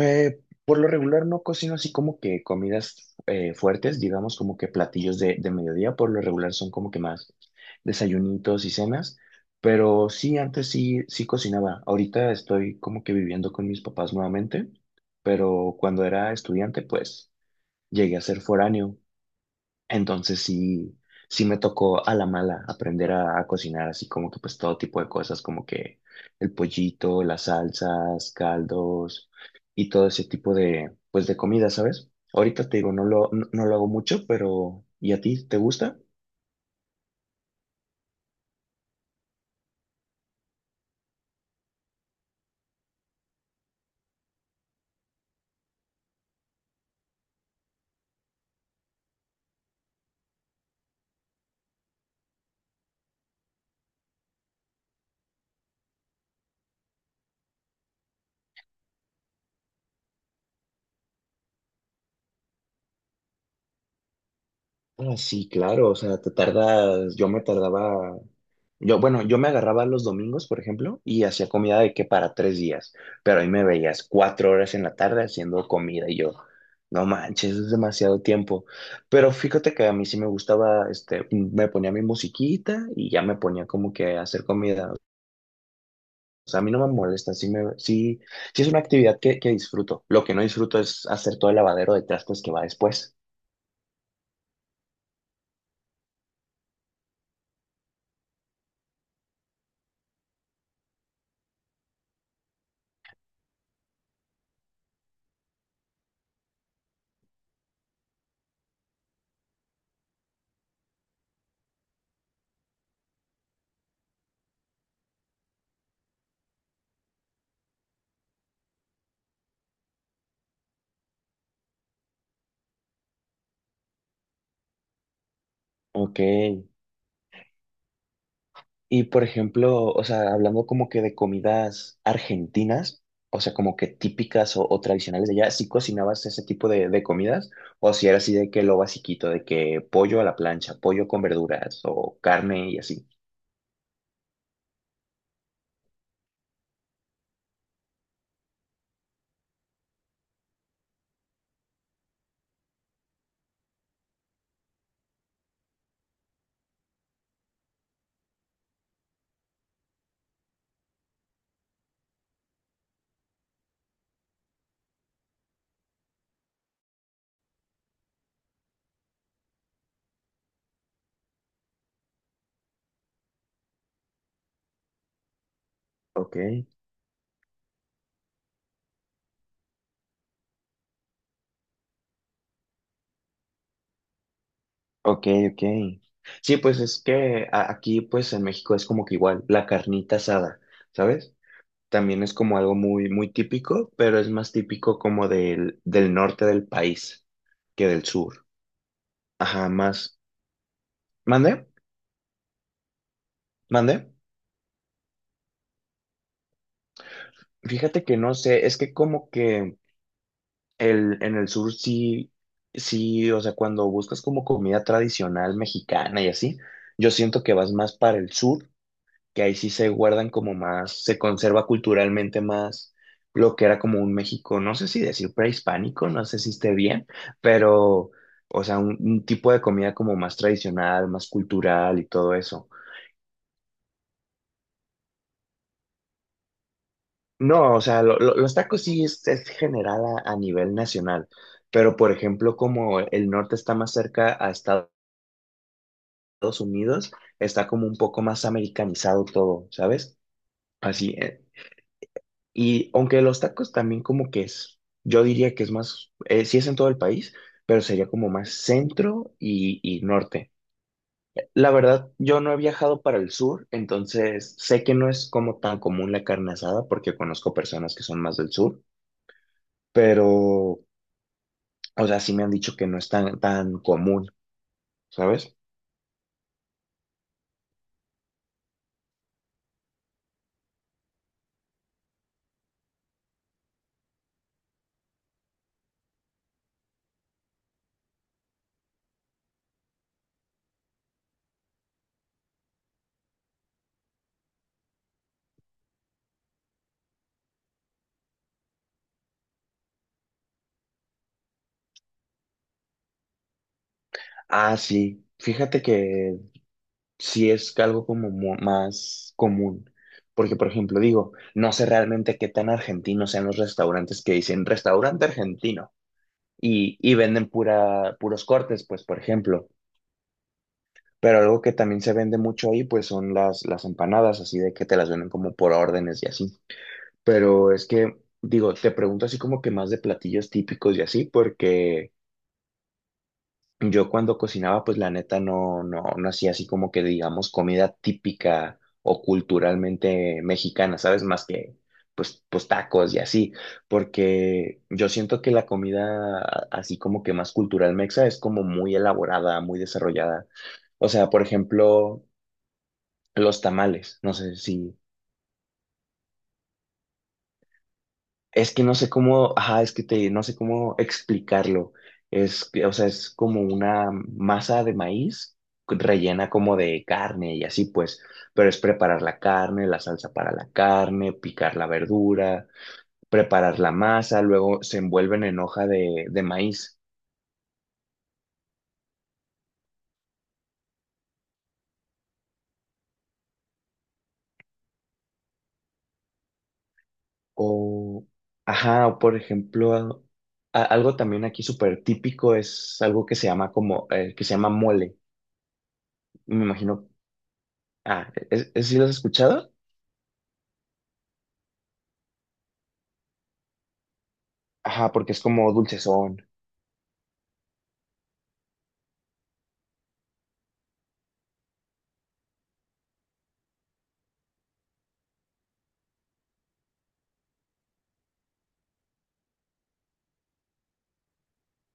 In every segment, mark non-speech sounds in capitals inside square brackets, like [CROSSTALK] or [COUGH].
Eh, por lo regular no cocino así como que comidas fuertes, digamos como que platillos de mediodía, por lo regular son como que más desayunitos y cenas, pero sí, antes sí, sí cocinaba. Ahorita estoy como que viviendo con mis papás nuevamente, pero cuando era estudiante pues llegué a ser foráneo, entonces sí, sí me tocó a la mala aprender a cocinar así como que pues todo tipo de cosas, como que el pollito, las salsas, caldos y todo ese tipo de pues de comida, ¿sabes? Ahorita te digo, no lo hago mucho, pero ¿y a ti te gusta? Ah, sí, claro, o sea, te tardas, yo me tardaba. Yo, bueno, yo me agarraba los domingos, por ejemplo, y hacía comida de que para 3 días, pero ahí me veías 4 horas en la tarde haciendo comida y yo, no manches, es demasiado tiempo. Pero fíjate que a mí sí me gustaba, este, me ponía mi musiquita y ya me ponía como que a hacer comida. O sea, a mí no me molesta, sí es una actividad que disfruto. Lo que no disfruto es hacer todo el lavadero de trastes que va después. Ok. Y por ejemplo, o sea, hablando como que de comidas argentinas, o sea, como que típicas o tradicionales de allá, ¿sí cocinabas ese tipo de comidas? ¿O si era así de que lo basiquito, de que pollo a la plancha, pollo con verduras o carne y así? Ok, ok, ok. Sí, pues es que aquí, pues en México es como que igual, la carnita asada, ¿sabes? También es como algo muy, muy típico, pero es más típico como del norte del país que del sur. Ajá, más. ¿Mande? ¿Mande? Fíjate que no sé, es que como que en el sur sí, sí, o sea, cuando buscas como comida tradicional mexicana y así, yo siento que vas más para el sur, que ahí sí se guardan como más, se conserva culturalmente más lo que era como un México, no sé si decir prehispánico, no sé si esté bien, pero, o sea, un tipo de comida como más tradicional, más cultural y todo eso. No, o sea, los tacos sí es general a nivel nacional, pero por ejemplo, como el norte está más cerca a Estados Unidos, está como un poco más americanizado todo, ¿sabes? Así, y aunque los tacos también como que es, yo diría que es más, sí es en todo el país, pero sería como más centro y norte. La verdad, yo no he viajado para el sur, entonces sé que no es como tan común la carne asada porque conozco personas que son más del sur. Pero o sea, sí me han dicho que no es tan, tan común, ¿sabes? Ah, sí. Fíjate que sí es algo como más común. Porque, por ejemplo, digo, no sé realmente qué tan argentinos sean los restaurantes que dicen restaurante argentino y venden pura, puros cortes, pues, por ejemplo. Pero algo que también se vende mucho ahí, pues, son las empanadas, así de que te las venden como por órdenes y así. Pero es que, digo, te pregunto así como que más de platillos típicos y así, porque... Yo cuando cocinaba, pues la neta no hacía así como que digamos comida típica o culturalmente mexicana, ¿sabes? Más que pues, pues tacos y así, porque yo siento que la comida así como que más cultural mexa es como muy elaborada, muy desarrollada. O sea, por ejemplo, los tamales, no sé si. Es que no sé cómo, ajá, es que te, no sé cómo explicarlo. Es, que, o sea, es como una masa de maíz rellena como de carne y así pues, pero es preparar la carne, la salsa para la carne, picar la verdura, preparar la masa, luego se envuelven en hoja de maíz. O, ajá, o por ejemplo, algo también aquí súper típico es algo que se llama como, que se llama mole. Me imagino, ah, sí lo has escuchado? Ajá, porque es como dulcezón.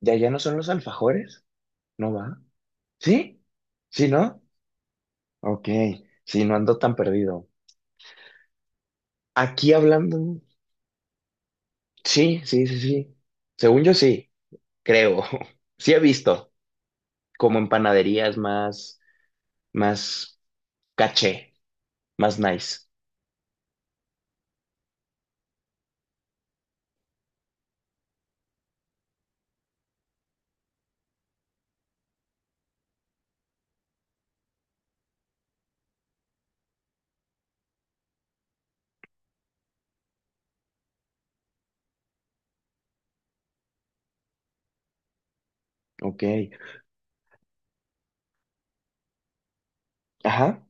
¿De allá no son los alfajores? ¿No va? ¿Sí? ¿Sí, no? Ok, sí, no ando tan perdido. Aquí hablando, sí, sí, sí, sí. Según yo sí, creo. [LAUGHS] Sí he visto, como en panaderías más, más caché, más nice. Ok, ajá,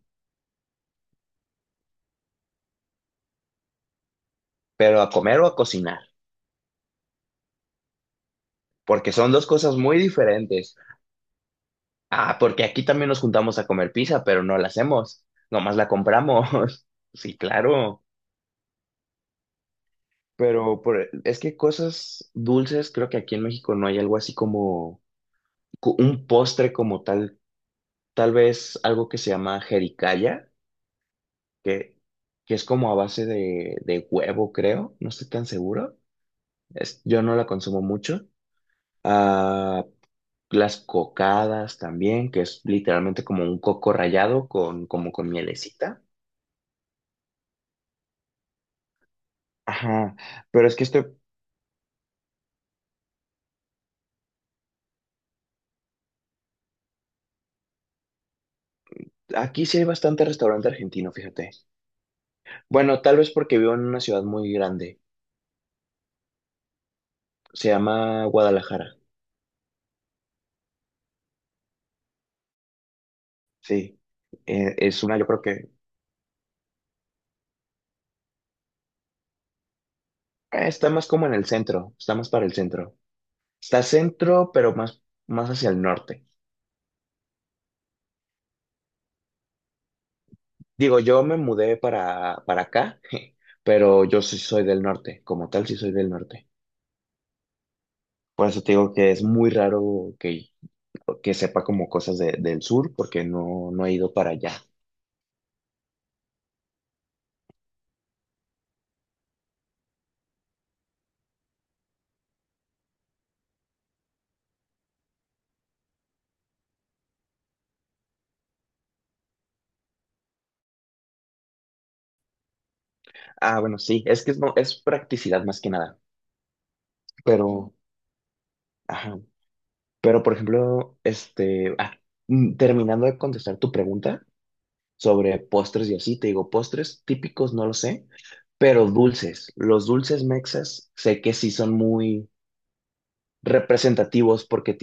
pero a comer o a cocinar, porque son dos cosas muy diferentes. Ah, porque aquí también nos juntamos a comer pizza, pero no la hacemos, nomás la compramos. [LAUGHS] Sí, claro. Pero es que cosas dulces, creo que aquí en México no hay algo así como un postre como tal, tal vez algo que se llama jericaya, que, que es como a base de huevo, creo, no estoy tan seguro. Yo no la consumo mucho. Ah, las cocadas también, que es literalmente como un coco rallado con, como con mielecita. Ajá, pero es que estoy, aquí sí hay bastante restaurante argentino, fíjate. Bueno, tal vez porque vivo en una ciudad muy grande. Se llama Guadalajara, sí. Es una, yo creo que está más como en el centro, está más para el centro. Está centro, pero más, más hacia el norte. Digo, yo me mudé para acá, [LAUGHS] pero yo sí soy del norte, como tal sí soy del norte. Por eso te digo que es muy raro que sepa como cosas del sur, porque no, no he ido para allá. Ah, bueno, sí, es que es, es practicidad más que nada, pero, ajá. Pero, por ejemplo, este, ah, mm, terminando de contestar tu pregunta sobre postres y así, te digo, postres típicos no lo sé, pero dulces. Los dulces mexas sé que sí son muy representativos porque